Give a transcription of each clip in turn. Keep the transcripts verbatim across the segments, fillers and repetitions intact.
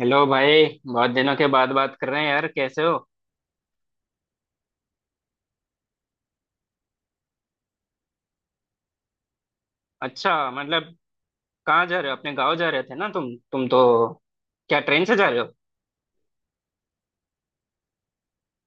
Hello भाई, बहुत दिनों के बाद बात कर रहे हैं यार। कैसे हो? अच्छा, मतलब कहाँ जा रहे हो? अपने गांव जा रहे थे ना तुम तुम तो? क्या ट्रेन से जा रहे हो?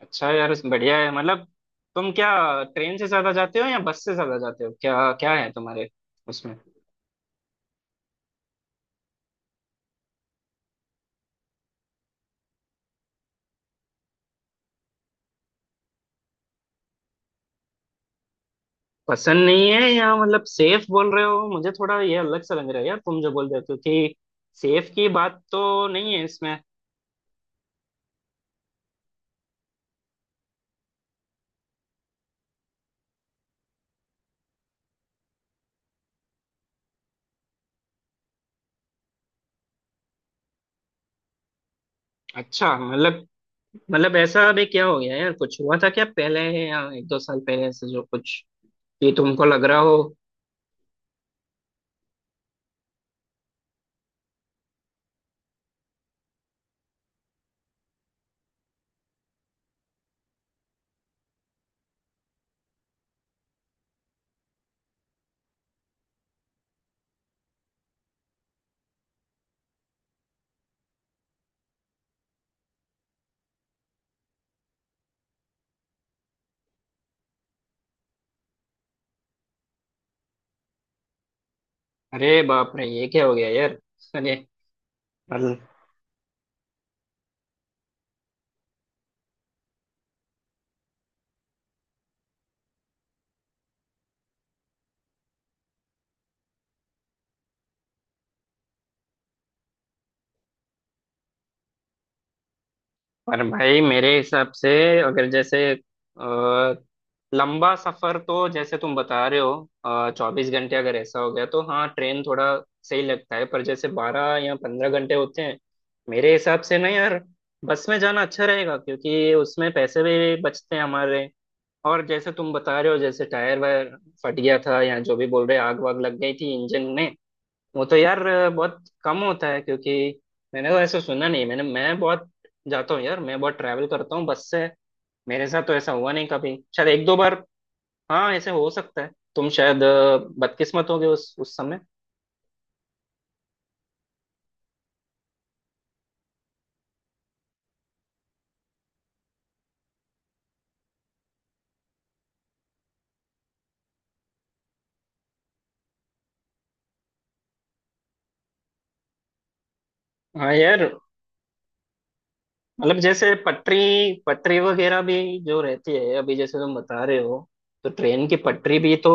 अच्छा यार, बढ़िया है। मतलब तुम क्या ट्रेन से ज्यादा जाते हो या बस से ज्यादा जाते हो? क्या क्या है तुम्हारे उसमें? पसंद नहीं है, या मतलब सेफ बोल रहे हो? मुझे थोड़ा ये अलग सा लग रहा है यार तुम जो बोल रहे हो, क्योंकि सेफ की बात तो नहीं है इसमें। अच्छा, मतलब मतलब ऐसा अभी क्या हो गया यार? कुछ हुआ था क्या पहले, या एक दो साल पहले से जो कुछ ये तुमको लग रहा हो? अरे बाप रे, ये क्या हो गया यार! अरे। और भाई मेरे हिसाब से, अगर जैसे अ, लंबा सफर, तो जैसे तुम बता रहे हो चौबीस घंटे अगर ऐसा हो गया, तो हाँ ट्रेन थोड़ा सही लगता है। पर जैसे बारह या पंद्रह घंटे होते हैं, मेरे हिसाब से ना यार, बस में जाना अच्छा रहेगा, क्योंकि उसमें पैसे भी बचते हैं हमारे। और जैसे तुम बता रहे हो जैसे टायर वायर फट गया था, या जो भी बोल रहे आग वाग लग गई थी इंजन में, वो तो यार बहुत कम होता है। क्योंकि मैंने तो ऐसा सुना नहीं। मैंने मैं बहुत जाता हूँ यार, मैं बहुत ट्रैवल करता हूँ बस से। मेरे साथ तो ऐसा हुआ नहीं कभी, शायद एक दो बार हाँ ऐसे हो सकता है। तुम शायद अ, बदकिस्मत होगे उस उस समय। हाँ यार, मतलब जैसे पटरी, पटरी वगैरह भी जो रहती है, अभी जैसे तुम बता रहे हो, तो ट्रेन की पटरी भी तो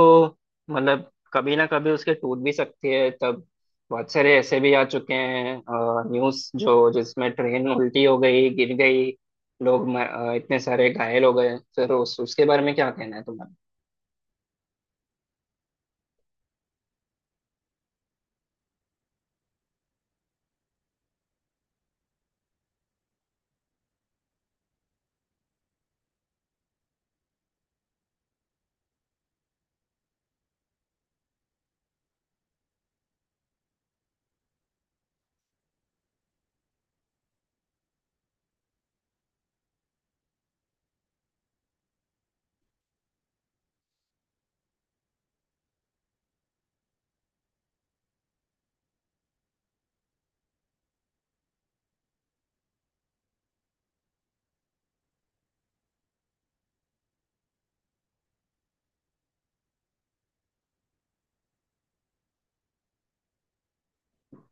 मतलब कभी ना कभी उसके टूट भी सकती है। तब बहुत सारे ऐसे भी आ चुके हैं न्यूज़ जो जिसमें ट्रेन उल्टी हो गई, गिर गई, लोग म- अ, इतने सारे घायल हो गए, फिर उस उसके बारे में क्या कहना है तुम्हारा?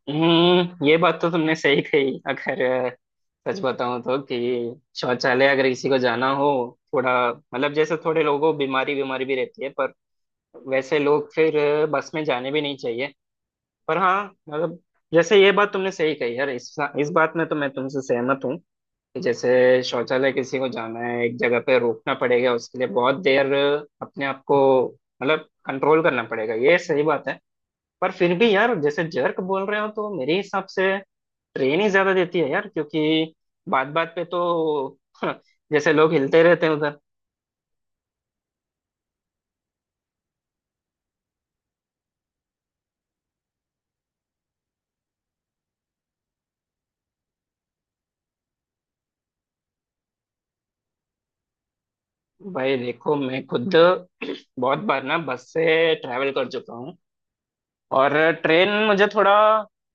हम्म, ये बात तो तुमने सही कही। अगर अ, सच बताऊं तो कि शौचालय अगर किसी को जाना हो, थोड़ा मतलब जैसे थोड़े लोगों को बीमारी बीमारी भी रहती है, पर वैसे लोग फिर अ, बस में जाने भी नहीं चाहिए। पर हाँ, मतलब जैसे ये बात तुमने सही कही यार, इस इस बात में तो मैं तुमसे सहमत हूँ कि जैसे शौचालय किसी को जाना है, एक जगह पे रोकना पड़ेगा, उसके लिए बहुत देर अ, अपने आप को मतलब कंट्रोल करना पड़ेगा। ये सही बात है। पर फिर भी यार जैसे जर्क बोल रहे हो, तो मेरे हिसाब से ट्रेन ही ज्यादा देती है यार, क्योंकि बात बात पे तो जैसे लोग हिलते रहते हैं उधर। भाई देखो, मैं खुद बहुत बार ना बस से ट्रैवल कर चुका हूँ, और ट्रेन मुझे थोड़ा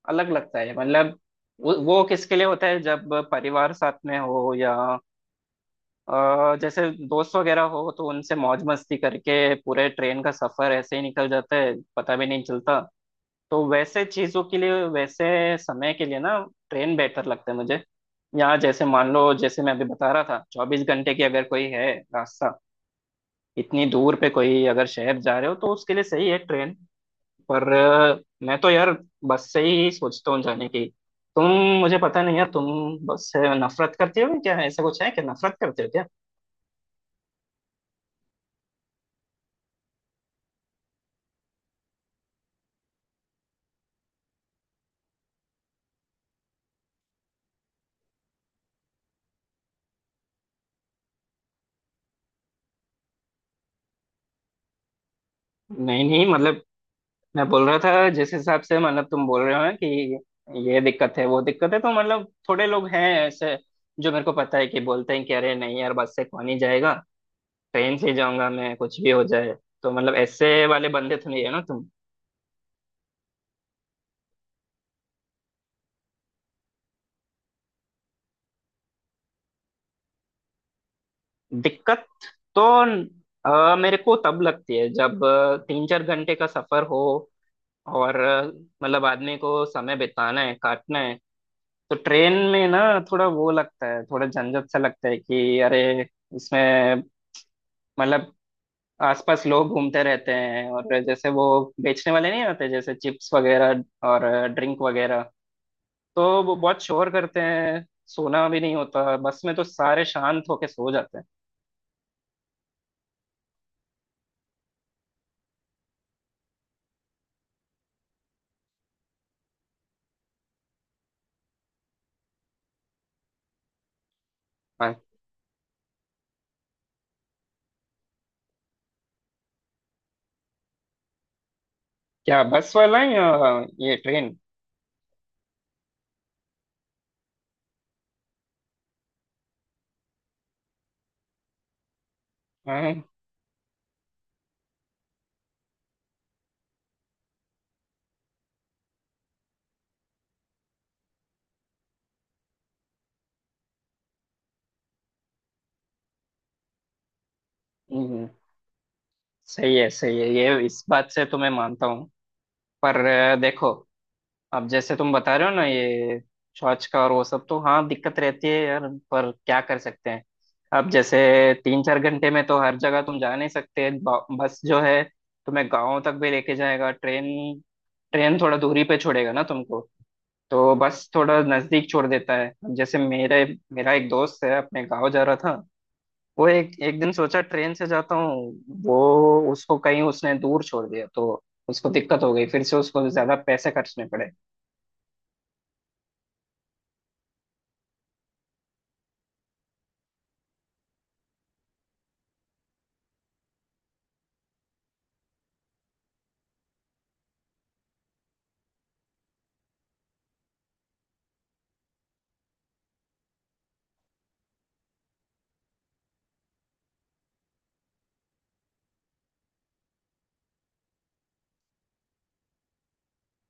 अलग लगता है। मतलब वो वो किसके लिए होता है जब परिवार साथ में हो, या अ, जैसे दोस्त वगैरह हो, तो उनसे मौज मस्ती करके पूरे ट्रेन का सफर ऐसे ही निकल जाता है, पता भी नहीं चलता। तो वैसे चीजों के लिए, वैसे समय के लिए ना ट्रेन बेहतर लगता है मुझे। यहाँ जैसे मान लो, जैसे मैं अभी बता रहा था चौबीस घंटे की अगर कोई है रास्ता, इतनी दूर पे कोई अगर शहर जा रहे हो, तो उसके लिए सही है ट्रेन। पर अ, मैं तो यार बस से ही सोचता हूँ जाने की। तुम, मुझे पता नहीं यार, तुम बस से नफरत करते हो क्या? ऐसा कुछ है क्या? नफरत करते हो क्या? नहीं नहीं, मतलब मैं बोल रहा था जिस हिसाब से, मतलब तुम बोल रहे हो ना कि ये दिक्कत है, वो दिक्कत है। तो मतलब थोड़े लोग हैं ऐसे जो, मेरे को पता है, कि बोलते हैं कि अरे नहीं यार, बस से कौन ही जाएगा, ट्रेन से ही जाऊंगा मैं, कुछ भी हो जाए। तो मतलब ऐसे वाले बंदे तो नहीं है ना तुम? दिक्कत तो अ, मेरे को तब लगती है जब अ, तीन चार घंटे का सफर हो, और अ, मतलब आदमी को समय बिताना है, काटना है। तो ट्रेन में ना थोड़ा वो लगता है, थोड़ा झंझट सा लगता है कि अरे, इसमें मतलब आसपास लोग घूमते रहते हैं, और जैसे वो बेचने वाले नहीं होते, जैसे चिप्स वगैरह और ड्रिंक वगैरह, तो वो बहुत शोर करते हैं। सोना भी नहीं होता। बस में तो सारे शांत होके सो जाते हैं। हाँ, क्या बस वाला है या ये ट्रेन? हाँ। हम्म, सही है, सही है, ये इस बात से तो मैं मानता हूँ। पर अ, देखो, अब जैसे तुम बता रहे हो ना ये शौच का और वो सब, तो हाँ दिक्कत रहती है यार, पर क्या कर सकते हैं? अब जैसे तीन चार घंटे में तो हर जगह तुम जा नहीं सकते। ब- बस जो है, तुम्हें गाँव तक भी लेके जाएगा। ट्रेन, ट्रेन थोड़ा दूरी पे छोड़ेगा ना तुमको, तो बस थोड़ा नजदीक छोड़ देता है। अब जैसे मेरे मेरा एक दोस्त है, अपने गाँव जा रहा था, वो एक एक दिन सोचा ट्रेन से जाता हूँ, वो उसको कहीं उसने दूर छोड़ दिया, तो उसको दिक्कत हो गई, फिर से उसको ज्यादा पैसे खर्चने पड़े।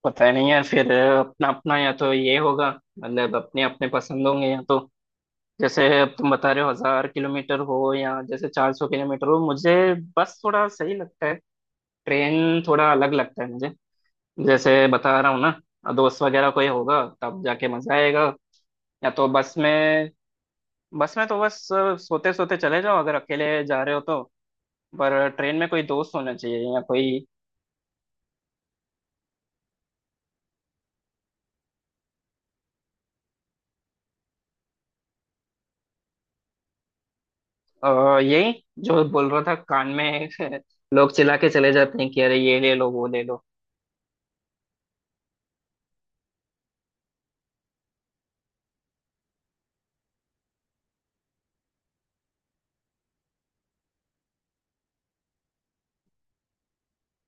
पता नहीं यार, फिर अपना अपना, या तो ये होगा, मतलब अपने अपने पसंद होंगे। या तो जैसे अब तुम बता रहे हो हजार किलोमीटर हो, या जैसे चार सौ किलोमीटर हो, मुझे बस थोड़ा सही लगता है, ट्रेन थोड़ा अलग लगता है मुझे। जैसे बता रहा हूँ ना, दोस्त वगैरह कोई होगा तब जाके मजा आएगा, या तो बस में। बस में तो बस सोते सोते चले जाओ अगर अकेले जा रहे हो तो। पर ट्रेन में कोई दोस्त होना चाहिए या कोई। और यही जो बोल रहा था कान में लोग चिल्ला के चले जाते हैं कि अरे, ये ले लो, वो ले लो।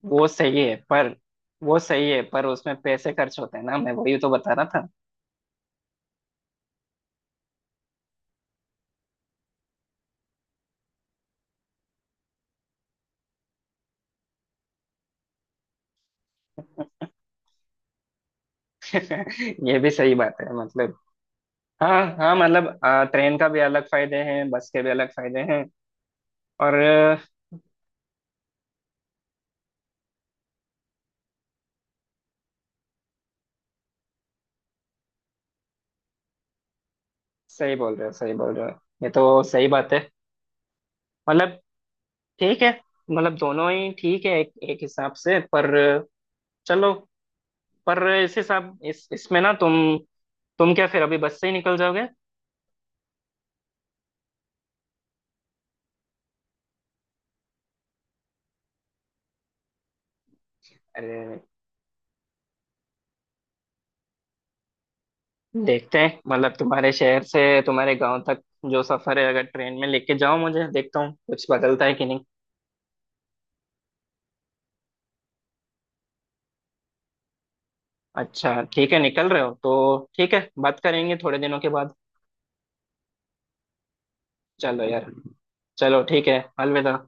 वो सही है पर, वो सही है पर उसमें पैसे खर्च होते हैं ना, मैं वही तो बता रहा था। ये भी सही बात है। मतलब हाँ हाँ, मतलब आ, ट्रेन का भी अलग फायदे हैं, बस के भी अलग फायदे हैं। और आ, सही बोल रहे हो, सही बोल रहे हो, ये तो सही बात है। मतलब ठीक है। मतलब दोनों ही ठीक है, एक, एक हिसाब से। पर अ, चलो, पर इसे सब इस इसमें ना तुम तुम क्या फिर अभी बस से ही निकल जाओगे? अरे, देखते हैं, मतलब तुम्हारे शहर से तुम्हारे गांव तक जो सफर है, अगर ट्रेन में लेके जाओ मुझे, देखता हूँ कुछ बदलता है कि नहीं। अच्छा ठीक है, निकल रहे हो तो ठीक है, बात करेंगे थोड़े दिनों के बाद। चलो यार, चलो ठीक है, अलविदा।